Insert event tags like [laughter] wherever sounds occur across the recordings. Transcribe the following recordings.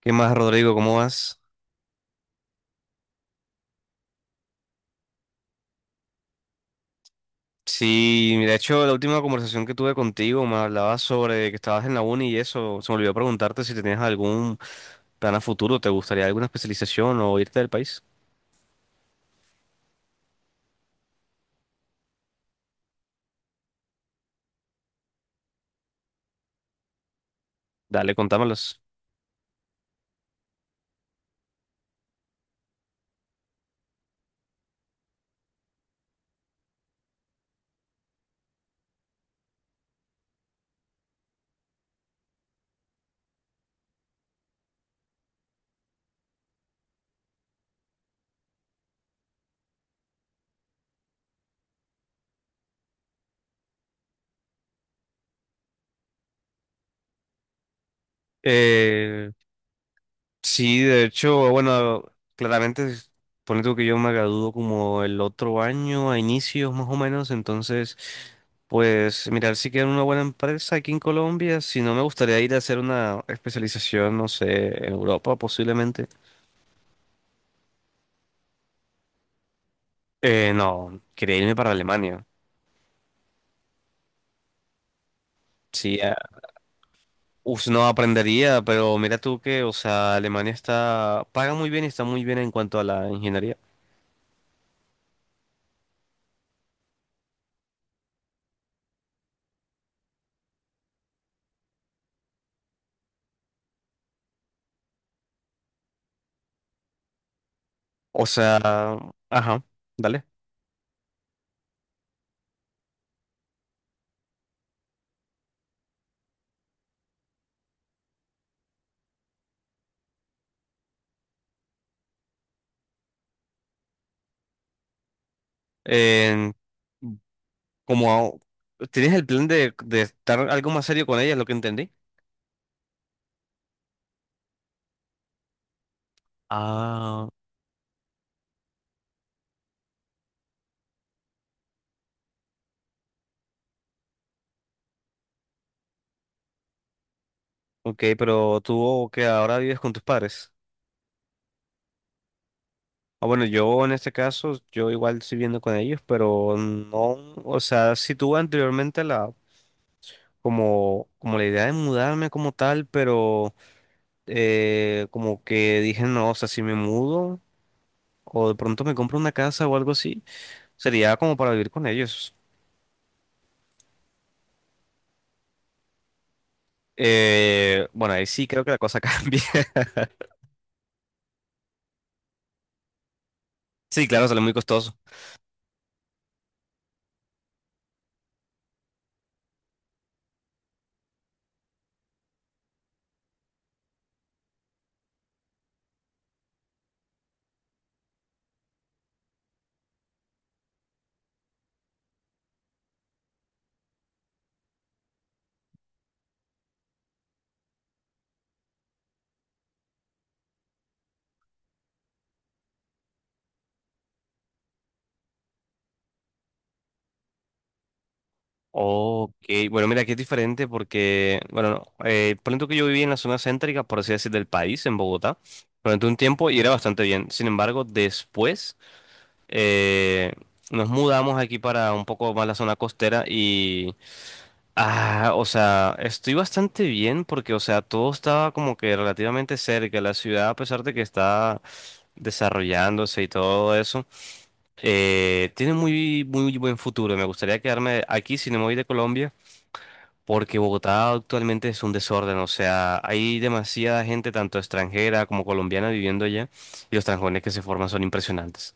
¿Qué más, Rodrigo? ¿Cómo vas? Sí, de hecho, la última conversación que tuve contigo me hablabas sobre que estabas en la uni y eso. Se me olvidó preguntarte si tenías algún plan a futuro, ¿te gustaría alguna especialización o irte del país? Dale, contámelos. Eh, sí, de hecho, bueno, claramente, pone tú que yo me gradúo como el otro año, a inicios más o menos, entonces, pues mirar si queda una buena empresa aquí en Colombia, si no me gustaría ir a hacer una especialización, no sé, en Europa posiblemente. No, quería irme para Alemania. Sí, uf, no aprendería, pero mira tú que, o sea, Alemania está, paga muy bien y está muy bien en cuanto a la ingeniería. O sea, ajá, dale. En- Como tienes el plan de estar algo más serio con ella, es lo que entendí. Ah, ok, pero tú que ahora vives con tus padres. Ah, bueno, yo en este caso, yo igual estoy viviendo con ellos, pero no, o sea, si tú anteriormente como la idea de mudarme como tal, pero como que dije, no, o sea, si me mudo o de pronto me compro una casa o algo así, sería como para vivir con ellos. Bueno, ahí sí creo que la cosa [laughs] cambia. Sí, claro, sale muy costoso. Ok, bueno, mira, aquí es diferente porque, bueno, ponle tú que yo viví en la zona céntrica, por así decir, del país, en Bogotá, durante un tiempo y era bastante bien. Sin embargo, eh, nos mudamos aquí para un poco más la zona costera Ah, o sea, estoy bastante bien porque, o sea, todo estaba como que relativamente cerca. La ciudad, a pesar de que está desarrollándose y todo eso, tiene muy, muy buen futuro. Me gustaría quedarme aquí si no me voy de Colombia, porque Bogotá actualmente es un desorden. O sea, hay demasiada gente, tanto extranjera como colombiana, viviendo allá y los trancones que se forman son impresionantes.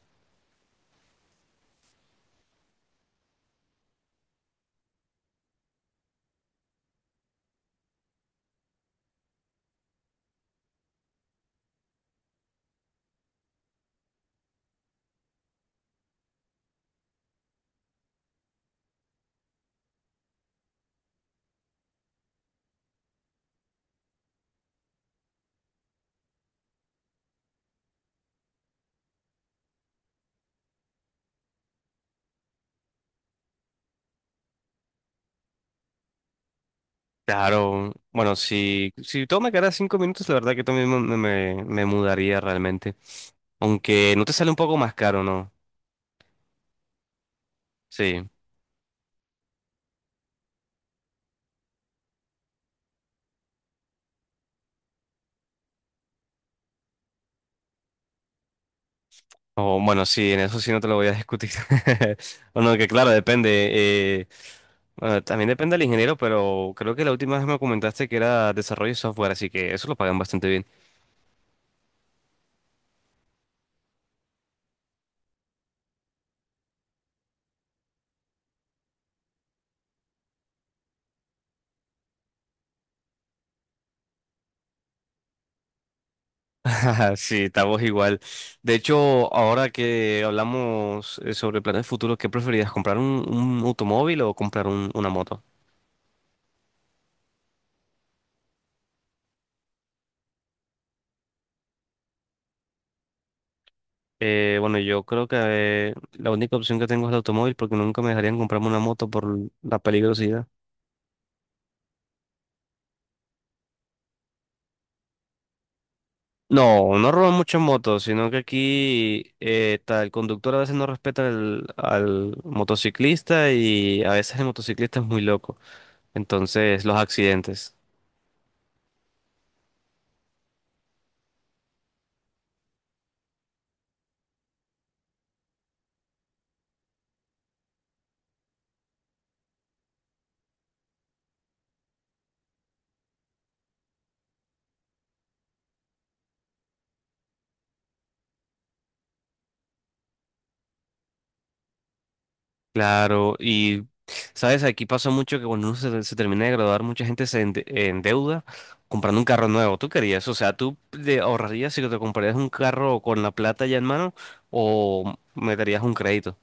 Claro, bueno, si todo me quedara 5 minutos, la verdad que también me mudaría realmente. Aunque no te sale un poco más caro, ¿no? Sí. O bueno, sí, en eso sí no te lo voy a discutir. [laughs] Bueno, que claro, depende. eh, bueno, también depende del ingeniero, pero creo que la última vez me comentaste que era desarrollo de software, así que eso lo pagan bastante bien. [laughs] Sí, estamos igual. De hecho, ahora que hablamos sobre planes futuros, ¿qué preferirías? ¿Comprar un automóvil o comprar una moto? Bueno, yo creo que la única opción que tengo es el automóvil porque nunca me dejarían comprarme una moto por la peligrosidad. No, no roban muchas motos, sino que aquí el conductor a veces no respeta al, al motociclista y a veces el motociclista es muy loco. Entonces, los accidentes. Claro, y sabes, aquí pasa mucho que cuando uno se termina de graduar, mucha gente se endeuda comprando un carro nuevo. ¿Tú querías? O sea, ¿tú te ahorrarías si te comprarías un carro con la plata ya en mano o meterías un crédito?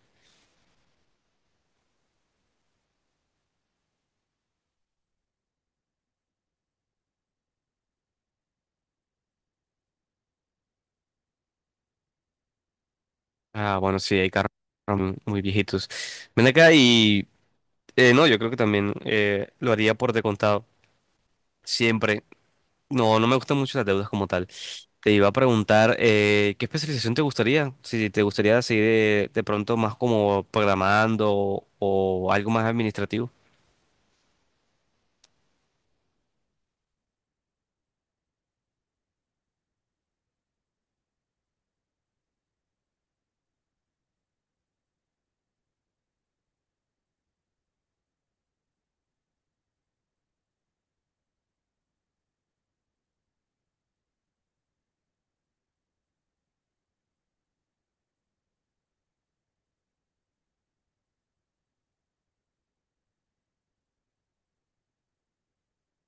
Ah, bueno, sí, hay carros muy muy viejitos. Ven acá. No, yo creo que también lo haría por descontado. Siempre. No, no me gustan mucho las deudas como tal. Te iba a preguntar, ¿qué especialización te gustaría? Si te gustaría seguir de, pronto más como programando o algo más administrativo.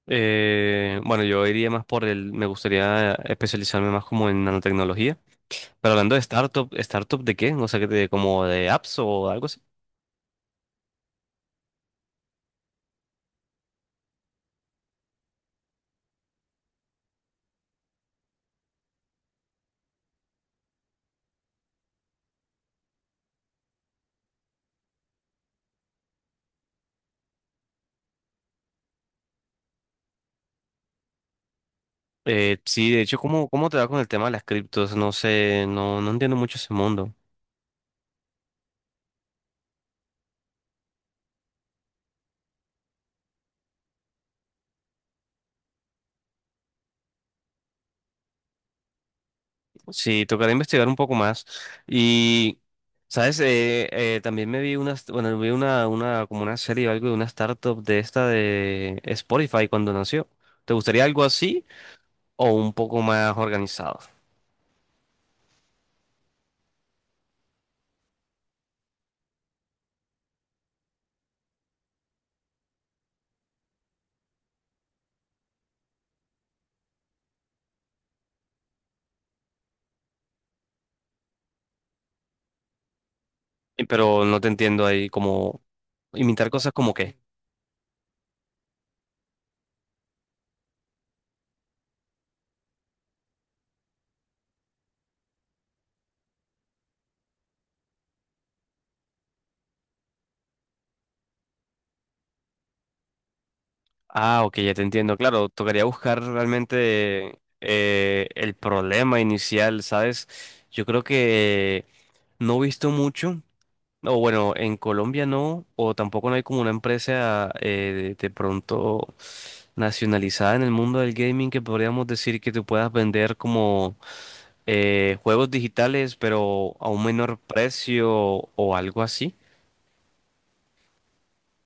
Bueno, yo iría más por el, me gustaría especializarme más como en nanotecnología. Pero hablando de startup, ¿startup de qué? No sé, de, como de apps o algo así. Sí, de hecho, ¿cómo te va con el tema de las criptos? No sé, no, no entiendo mucho ese mundo. Sí, tocará investigar un poco más. Y, ¿sabes? También me vi una, bueno, vi una, como una serie o algo de una startup de esta de Spotify cuando nació. ¿Te gustaría algo así o un poco más organizado? Pero no te entiendo ahí como imitar cosas como qué. Ah, ok, ya te entiendo. Claro, tocaría buscar realmente el problema inicial, ¿sabes? Yo creo que no he visto mucho. O bueno, en Colombia no, o tampoco no hay como una empresa de pronto nacionalizada en el mundo del gaming que podríamos decir que tú puedas vender como juegos digitales, pero a un menor precio o algo así.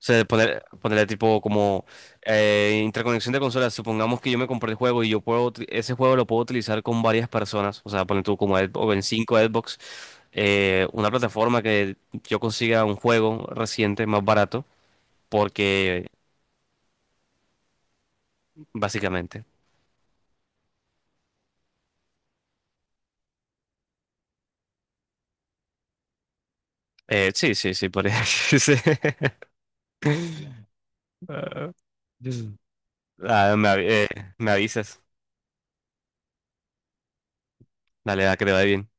O sea, ponerle tipo como interconexión de consolas. Supongamos que yo me compré el juego y yo puedo, ese juego lo puedo utilizar con varias personas. O sea, poner tú como Xbox, en 5 Xbox, una plataforma que yo consiga un juego reciente más barato, porque básicamente. Sí, sí, sí, por eso. [laughs] sí. Ah, me avisas. Dale, va, que te vaya bien.